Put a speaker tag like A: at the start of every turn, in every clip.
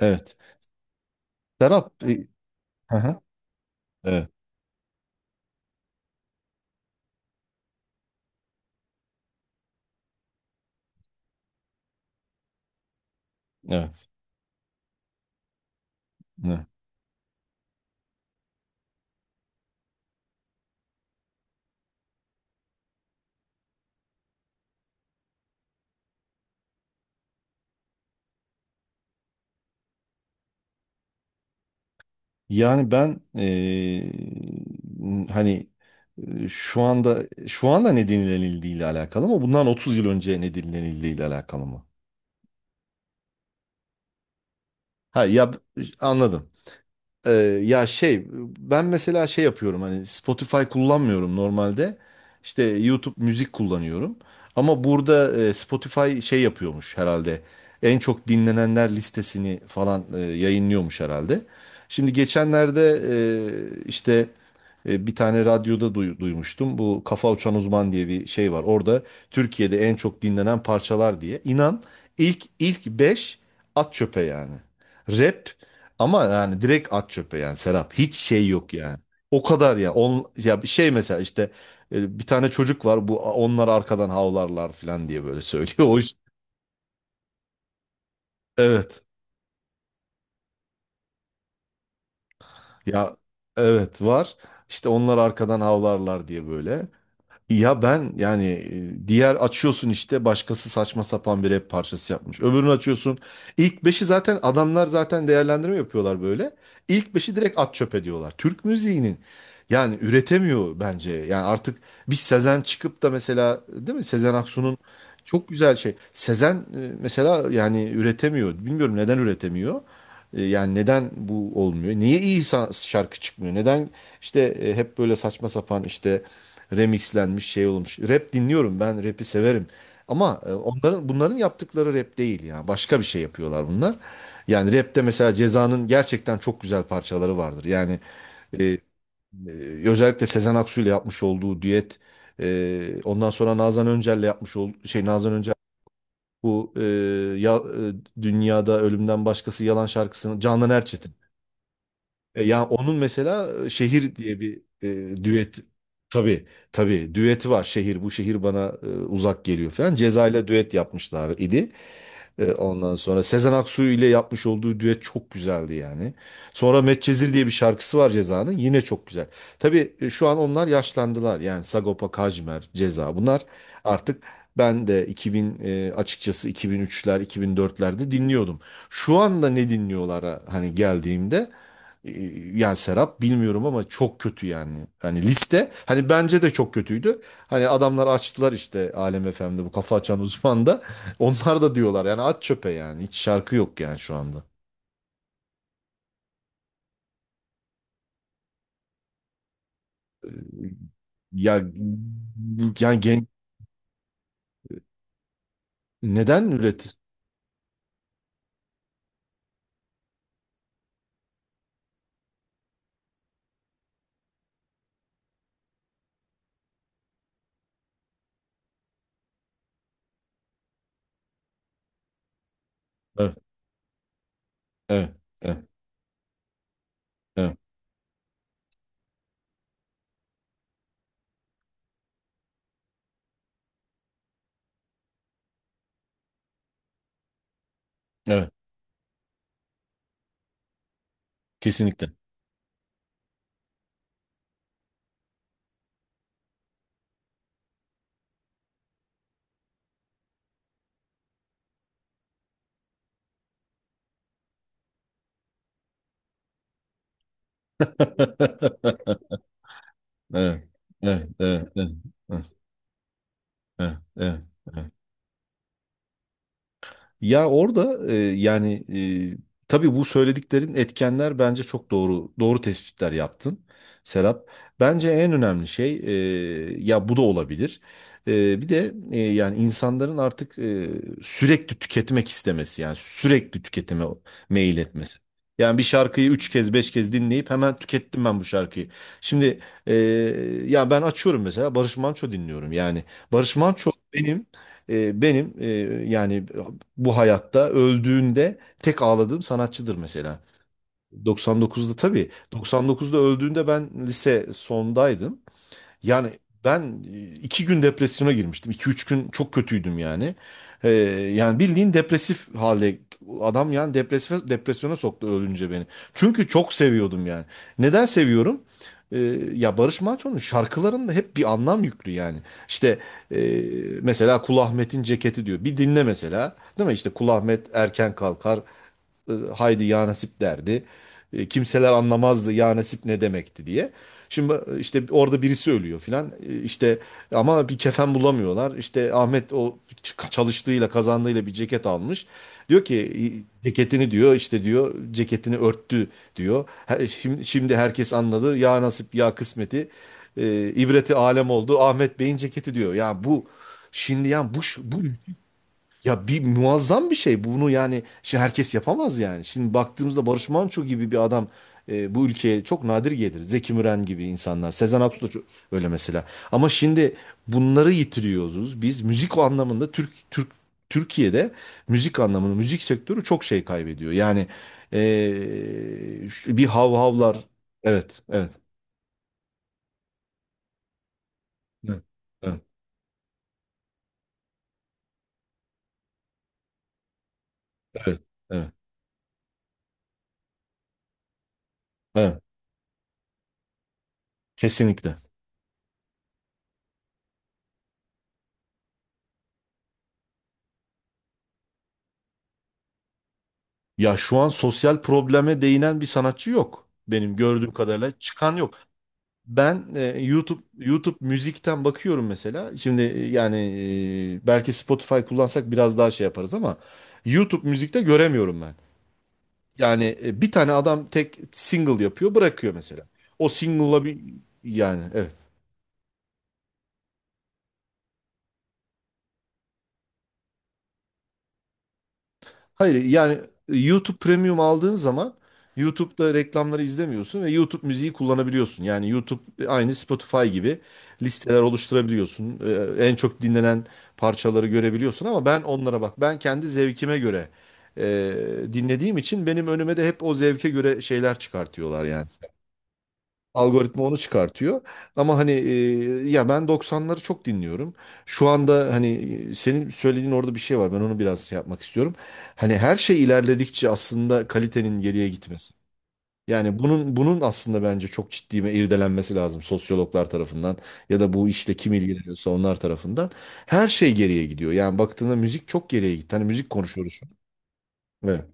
A: Evet. Serap, hı hı, evet, evet. Evet. Yani ben hani e, şu anda şu anda ne dinlenildiği ile alakalı mı? Bundan 30 yıl önce ne dinlenildiği ile alakalı mı? Ha, ya, anladım. Ee, Ya şey, ben mesela şey yapıyorum, hani Spotify kullanmıyorum normalde, işte YouTube müzik kullanıyorum ama burada Spotify şey yapıyormuş herhalde, en çok dinlenenler listesini falan yayınlıyormuş herhalde. Şimdi geçenlerde işte bir tane radyoda duymuştum, bu Kafa Uçan Uzman diye bir şey var orada, Türkiye'de en çok dinlenen parçalar diye, inan, ilk 5 at çöpe yani. Rap, ama yani direkt at çöpe yani Serap. Hiç şey yok yani. O kadar ya. Ya bir şey mesela, işte bir tane çocuk var. Bu, onlar arkadan havlarlar falan diye böyle söylüyor. Evet. Ya, evet, var. İşte onlar arkadan havlarlar diye böyle. Ya ben yani, diğer açıyorsun, işte başkası saçma sapan bir rap parçası yapmış. Öbürünü açıyorsun. İlk beşi zaten, adamlar zaten değerlendirme yapıyorlar böyle. İlk beşi direkt at çöpe diyorlar. Türk müziğinin yani üretemiyor bence. Yani artık bir Sezen çıkıp da mesela, değil mi, Sezen Aksu'nun çok güzel şey. Sezen mesela yani üretemiyor. Bilmiyorum neden üretemiyor. Yani neden bu olmuyor? Niye iyi şarkı çıkmıyor? Neden işte hep böyle saçma sapan, işte remixlenmiş şey olmuş. Rap dinliyorum, ben rap'i severim. Ama onların, bunların yaptıkları rap değil ya. Başka bir şey yapıyorlar bunlar. Yani rap'te mesela Ceza'nın gerçekten çok güzel parçaları vardır. Yani, e, e, özellikle Sezen Aksu ile yapmış olduğu düet, ondan sonra Nazan Öncel'le yapmış olduğu şey, Nazan Öncel, bu, ya, dünyada ölümden başkası yalan şarkısını Canan Erçetin, ya onun mesela Şehir diye bir düet, tabii, tabii düeti var. Şehir, bu şehir bana uzak geliyor falan. Ceza ile düet yapmışlar idi. Ondan sonra Sezen Aksu ile yapmış olduğu düet çok güzeldi yani. Sonra Medcezir diye bir şarkısı var Ceza'nın. Yine çok güzel. Tabii şu an onlar yaşlandılar. Yani Sagopa Kajmer, Ceza, bunlar artık... Ben de 2000, açıkçası 2003'ler, 2004'lerde dinliyordum. Şu anda ne dinliyorlara hani geldiğimde, e, yani Serap, bilmiyorum ama çok kötü yani. Hani liste, hani bence de çok kötüydü. Hani adamlar açtılar, işte Alem FM'de bu kafa açan uzman da. Onlar da diyorlar yani at çöpe yani. Hiç şarkı yok yani şu anda. Ya yani neden üretir? Evet, evet, evet, evet, evet. Kesinlikle. Evet, evet, evet, evet, evet, evet, evet. Ya orada, yani, tabii bu söylediklerin etkenler bence çok doğru, doğru tespitler yaptın Serap. Bence en önemli şey, ya bu da olabilir. Bir de yani insanların artık sürekli tüketmek istemesi, yani sürekli tüketime meyil etmesi. Yani bir şarkıyı üç kez, beş kez dinleyip hemen tükettim ben bu şarkıyı. Şimdi e, ya ben açıyorum mesela, Barış Manço dinliyorum yani. Barış Manço benim, yani bu hayatta öldüğünde tek ağladığım sanatçıdır mesela. 99'da, tabii, 99'da öldüğünde ben lise sondaydım. Yani ben iki gün depresyona girmiştim. İki üç gün çok kötüydüm yani. Ee, Yani bildiğin depresif halde adam, yani depresif, depresyona soktu ölünce beni. Çünkü çok seviyordum yani. Neden seviyorum? Ee, Ya, Barış Manço'nun şarkılarında hep bir anlam yüklü yani. İşte e, mesela Kul Ahmet'in ceketi diyor. Bir dinle mesela. Değil mi? İşte Kul Ahmet erken kalkar, haydi ya nasip derdi. Kimseler anlamazdı ya nasip ne demekti diye. Şimdi işte orada birisi ölüyor filan. İşte ama bir kefen bulamıyorlar. İşte Ahmet o çalıştığıyla, kazandığıyla bir ceket almış. Diyor ki, ceketini diyor, işte diyor, ceketini örttü diyor. Şimdi herkes anladı ya nasip, ya kısmeti, ibreti alem oldu Ahmet Bey'in ceketi diyor. Yani bu şimdi yani, bu ya, bir muazzam bir şey. Bunu yani şimdi herkes yapamaz yani. Şimdi baktığımızda, Barış Manço gibi bir adam bu ülkeye çok nadir gelir. Zeki Müren gibi insanlar, Sezen Aksu da öyle mesela. Ama şimdi bunları yitiriyoruz. Biz müzik o anlamında, Türkiye'de müzik anlamında, müzik sektörü çok şey kaybediyor. Yani bir hav havlar. Evet, evet. Evet. Evet. Evet. Evet. Evet. Kesinlikle. Ya şu an sosyal probleme değinen bir sanatçı yok. Benim gördüğüm kadarıyla çıkan yok. Ben YouTube müzikten bakıyorum mesela. Şimdi yani, belki Spotify kullansak biraz daha şey yaparız ama YouTube müzikte göremiyorum ben. Yani bir tane adam tek single yapıyor, bırakıyor mesela. O single'la bir, yani, evet. Hayır yani, YouTube Premium aldığın zaman YouTube'da reklamları izlemiyorsun ve YouTube müziği kullanabiliyorsun. Yani YouTube, aynı Spotify gibi listeler oluşturabiliyorsun. En çok dinlenen parçaları görebiliyorsun ama ben onlara bak. Ben kendi zevkime göre e, dinlediğim için benim önüme de hep o zevke göre şeyler çıkartıyorlar yani. Algoritma onu çıkartıyor. Ama hani, ya ben doksanları çok dinliyorum. Şu anda hani, senin söylediğin orada bir şey var. Ben onu biraz şey yapmak istiyorum. Hani her şey ilerledikçe aslında kalitenin geriye gitmesi. Yani bunun aslında bence çok ciddi bir irdelenmesi lazım sosyologlar tarafından, ya da bu işle kim ilgileniyorsa onlar tarafından. Her şey geriye gidiyor. Yani baktığında müzik çok geriye gitti. Hani müzik konuşuyoruz şu an. Evet.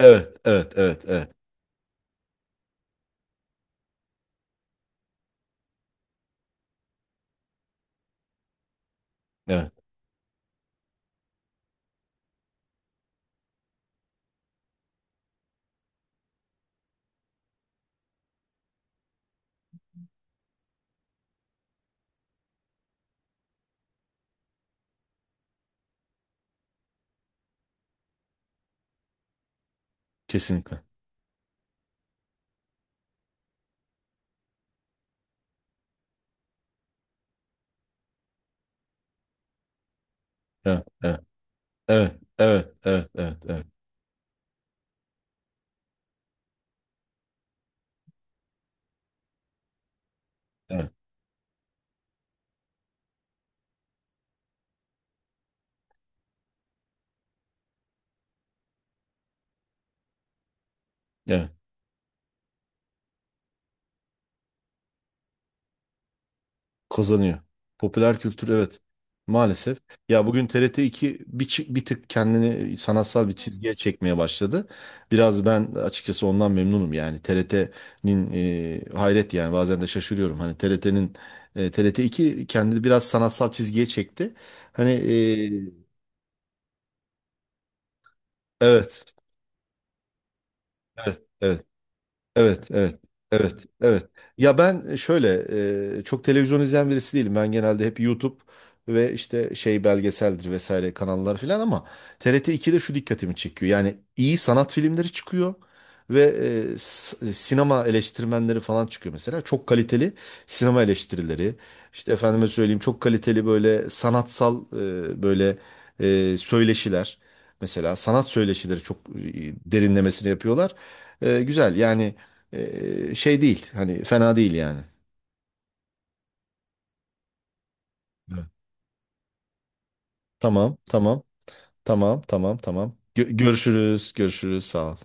A: Evet, evet, evet, evet, evet. Kesinlikle. Evet, evet, evet, evet, evet, evet, evet. Evet. Evet, kazanıyor. Popüler kültür, evet. Maalesef. Ya bugün TRT 2 bir tık kendini sanatsal bir çizgiye çekmeye başladı. Biraz ben açıkçası ondan memnunum yani. TRT'nin, hayret yani bazen de şaşırıyorum. Hani TRT 2 kendini biraz sanatsal çizgiye çekti. Hani, evet, evet, evet. Evet, evet, evet, evet. Ya ben şöyle, çok televizyon izleyen birisi değilim. Ben genelde hep YouTube ve işte şey belgeseldir vesaire kanallar filan, ama TRT 2'de şu dikkatimi çekiyor. Yani iyi sanat filmleri çıkıyor ve sinema eleştirmenleri falan çıkıyor mesela. Çok kaliteli sinema eleştirileri. İşte, efendime söyleyeyim, çok kaliteli böyle sanatsal, böyle söyleşiler. Mesela sanat söyleşileri çok derinlemesine yapıyorlar. Güzel yani, şey değil. Hani fena değil yani. Evet. Tamam, tamam, tamam, tamam, tamam. Görüşürüz, görüşürüz. Sağ ol.